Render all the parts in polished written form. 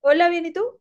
Hola, bien, ¿y tú?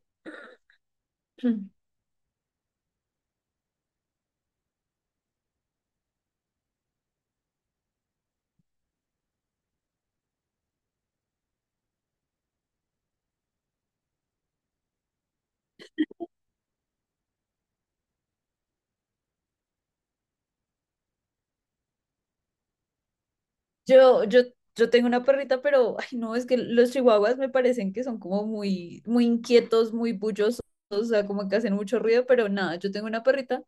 Yo, yo, yo tengo una perrita, pero, ay, no, es que los chihuahuas me parecen que son como muy inquietos, muy bullosos, o sea, como que hacen mucho ruido, pero nada, yo tengo una perrita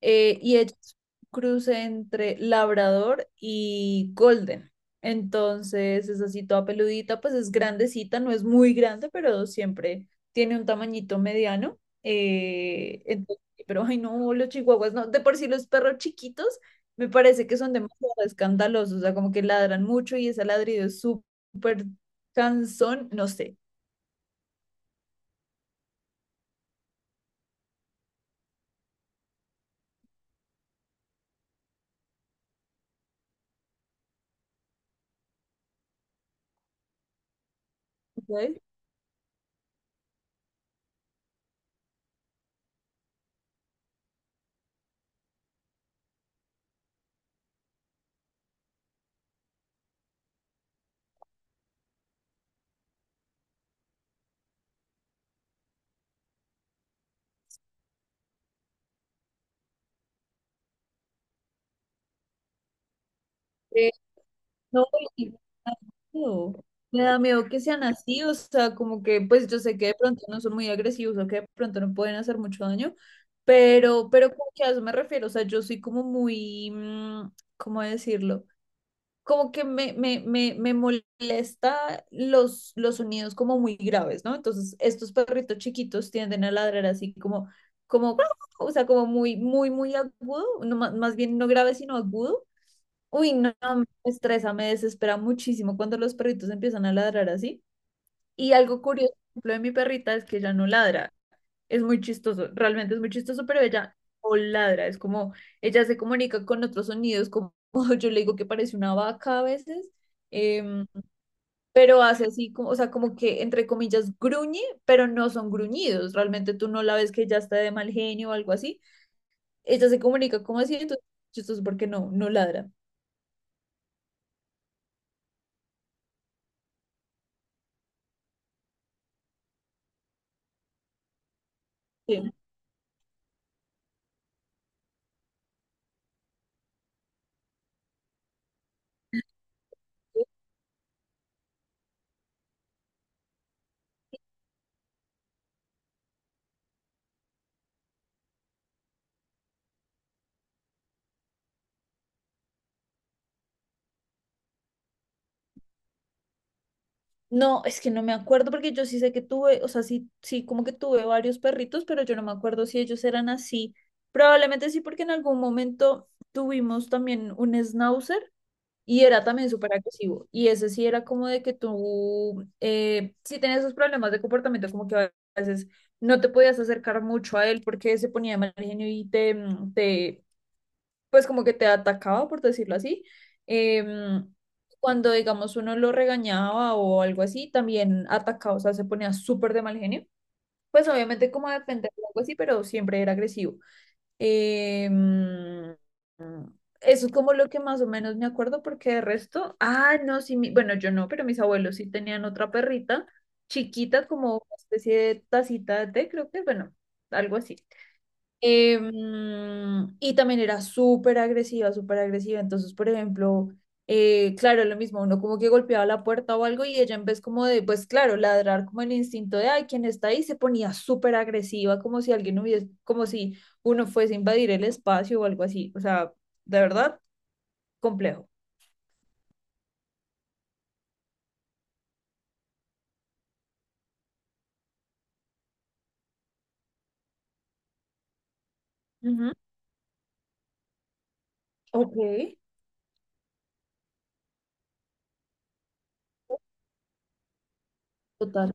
y ella es un cruce entre labrador y golden. Entonces es así toda peludita, pues es grandecita, no es muy grande, pero siempre tiene un tamañito mediano. Pero ay no, los chihuahuas no, de por sí los perros chiquitos me parece que son demasiado escandalosos, o sea, como que ladran mucho y ese ladrido es súper cansón, no sé. ¿Sabes? Eh, No, y me da miedo. Me da miedo que sean así, o sea, como que, pues yo sé que de pronto no son muy agresivos o que de pronto no pueden hacer mucho daño, pero como que a eso me refiero, o sea, yo soy como muy, ¿cómo decirlo? Como que me molesta los sonidos como muy graves, ¿no? Entonces, estos perritos chiquitos tienden a ladrar así como, o sea, como muy, muy, muy agudo, no, más bien no grave, sino agudo. Uy, no, no, me estresa, me desespera muchísimo cuando los perritos empiezan a ladrar así. Y algo curioso, por ejemplo, de mi perrita es que ella no ladra. Es muy chistoso, realmente es muy chistoso, pero ella no ladra. Es como, ella se comunica con otros sonidos, como yo le digo que parece una vaca a veces, em, pero hace así, como, o sea, como que entre comillas gruñe, pero no son gruñidos. Realmente tú no la ves que ella está de mal genio o algo así. Ella se comunica como así, entonces es chistoso porque no, no ladra. Sí. No, es que no me acuerdo porque yo sí sé que tuve, o sea, sí, sí, como que tuve varios perritos, pero yo no me acuerdo si ellos eran así. Probablemente sí, porque en algún momento tuvimos también un schnauzer y era también súper agresivo. Y ese sí era como de que tú, sí tenías esos problemas de comportamiento, como que a veces no te podías acercar mucho a él porque se ponía de mal genio y te, pues como que te atacaba, por decirlo así. Em, Cuando, digamos, uno lo regañaba o algo así, también atacaba, o sea, se ponía súper de mal genio. Pues obviamente como a defender o algo así, pero siempre era agresivo. Em, Eso es como lo que más o menos me acuerdo, porque de resto, ah, no, sí, bueno, yo no, pero mis abuelos sí tenían otra perrita chiquita, como una especie de tacita de té, creo que, bueno, algo así. Em, y también era súper agresiva, súper agresiva. Entonces, por ejemplo, claro, lo mismo, uno como que golpeaba la puerta o algo y ella en vez como de, pues claro, ladrar como el instinto de, ay, ¿quién está ahí? Se ponía súper agresiva, como si alguien hubiese, como si uno fuese a invadir el espacio o algo así. O sea, de verdad, complejo. Ujú. Ok, total.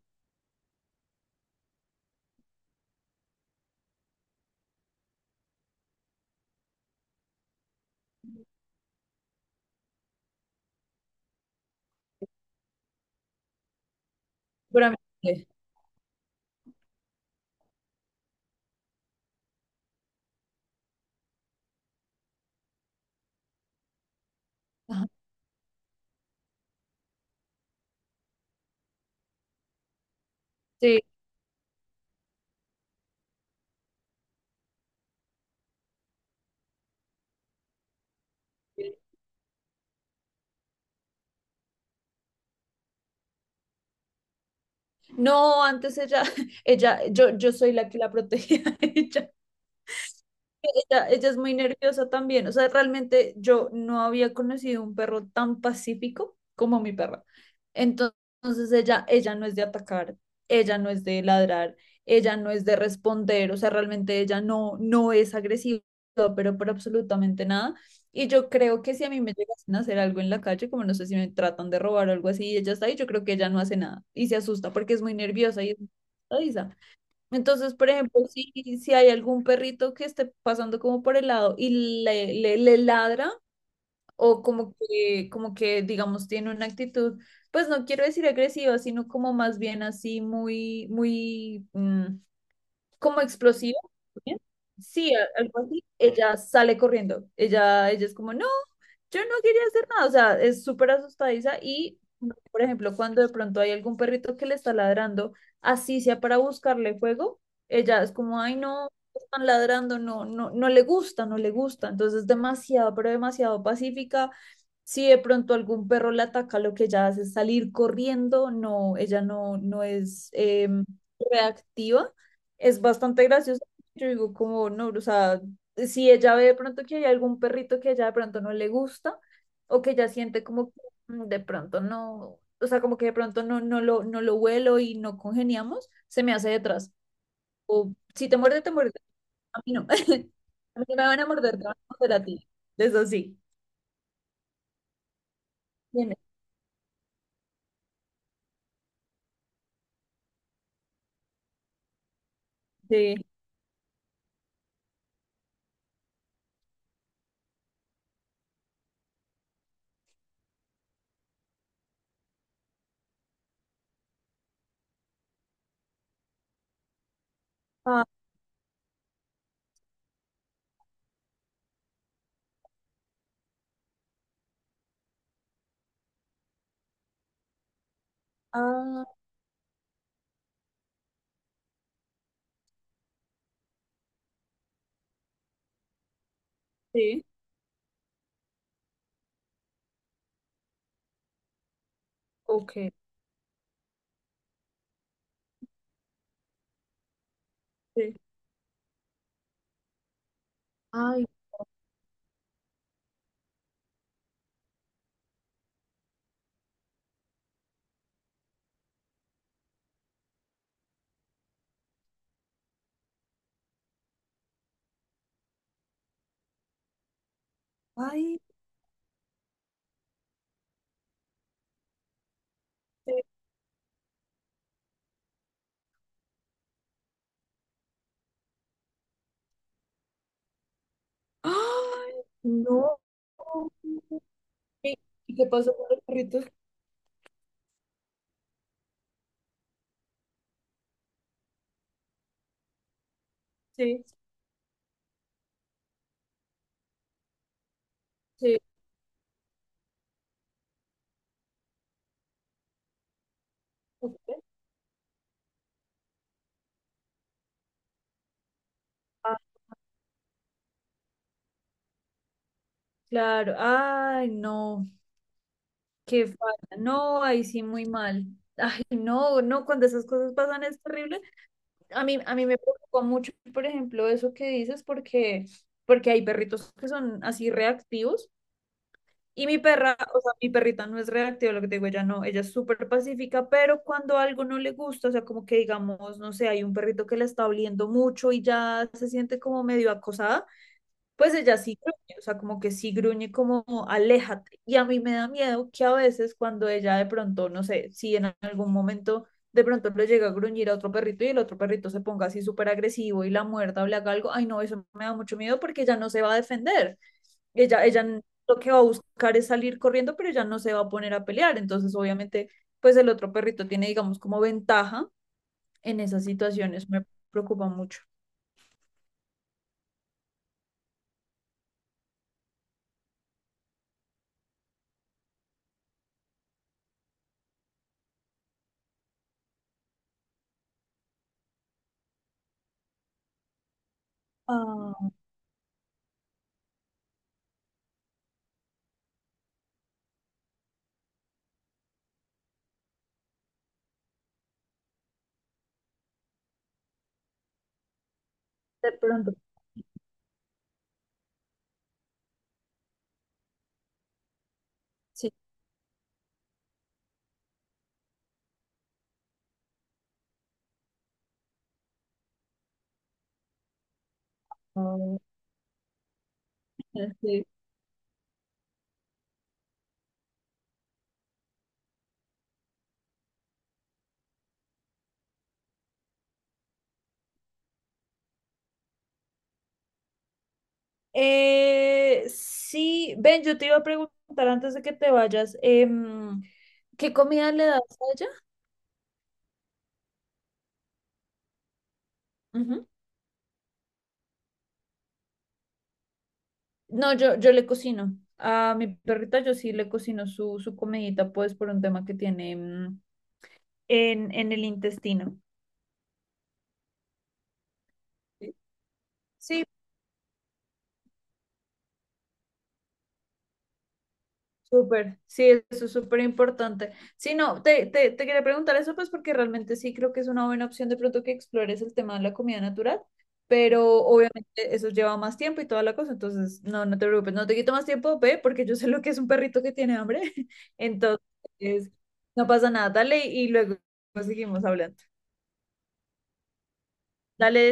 Seguramente. Ajá. Sí. No, antes ella, ella, yo soy la que la protegía a ella. Ella es muy nerviosa también. O sea, realmente yo no había conocido un perro tan pacífico como mi perra. Entonces, ella no es de atacar, ella no es de ladrar, ella no es de responder. O sea, realmente ella no, no es agresiva, pero por absolutamente nada. Y yo creo que si a mí me llegasen a hacer algo en la calle, como no sé si me tratan de robar o algo así, y ella está ahí, yo creo que ella no hace nada y se asusta porque es muy nerviosa y es muy asustadiza. Entonces, por ejemplo, si, si hay algún perrito que esté pasando como por el lado y le ladra o como que, digamos, tiene una actitud, pues no quiero decir agresiva, sino como más bien así muy, muy, como explosiva. ¿Bien? Sí, algo así. Ella sale corriendo. Ella es como, no, yo no quería hacer nada. O sea, es súper asustadiza y, por ejemplo, cuando de pronto hay algún perrito que le está ladrando, así sea para buscarle fuego, ella es como, ay, no, están ladrando, no, no, no le gusta, no le gusta. Entonces es demasiado, pero demasiado pacífica. Si de pronto algún perro la ataca, lo que ella hace es salir corriendo. No, ella no, no es reactiva, es bastante gracioso. Yo digo como, no, o sea, si ella ve de pronto que hay algún perrito que ella de pronto no le gusta o que ella siente como que de pronto no, o sea, como que de pronto no, no lo huelo y no congeniamos, se me hace detrás. O si te muerde, te muerde. A mí no. A mí no me van a morder, te van a morder a ti. Eso sí. Viene. Sí. Ah, ah, sí. Ok. Sí. Ay, no. Ay, sí. Ay, no. ¿Y y qué pasó con los perritos? Sí, sí. Ok. Ah, claro. Ay, no. Qué falta. No, ahí sí, muy mal. Ay, no, no, cuando esas cosas pasan es terrible. A mí me preocupó mucho, por ejemplo, eso que dices, porque, porque hay perritos que son así reactivos. Y mi perra, o sea, mi perrita no es reactiva, lo que te digo, ella no, ella es súper pacífica, pero cuando algo no le gusta, o sea, como que digamos, no sé, hay un perrito que la está oliendo mucho y ya se siente como medio acosada. Pues ella sí gruñe, o sea, como que sí gruñe como aléjate. Y a mí me da miedo que a veces cuando ella de pronto, no sé, si en algún momento de pronto le llega a gruñir a otro perrito y el otro perrito se ponga así súper agresivo y la muerda o le haga algo, ay no, eso me da mucho miedo porque ella no se va a defender. Ella lo que va a buscar es salir corriendo, pero ella no se va a poner a pelear. Entonces, obviamente, pues el otro perrito tiene, digamos, como ventaja en esas situaciones. Me preocupa mucho. Ah, de pronto, sí. Ah, sí, eh, sí, Ben, yo te iba a preguntar antes de que te vayas, ¿qué comida le das a ella? Ujú. No, yo le cocino. A mi perrita yo sí le cocino su comidita, pues por un tema que tiene en el intestino. Sí, súper, sí, eso es súper importante. Sí, no, te quería preguntar eso, pues porque realmente sí creo que es una buena opción de pronto que explores el tema de la comida natural, pero obviamente eso lleva más tiempo y toda la cosa, entonces no, no te preocupes, no te quito más tiempo, ve, porque yo sé lo que es un perrito que tiene hambre, entonces no pasa nada, dale y luego seguimos hablando. Dale.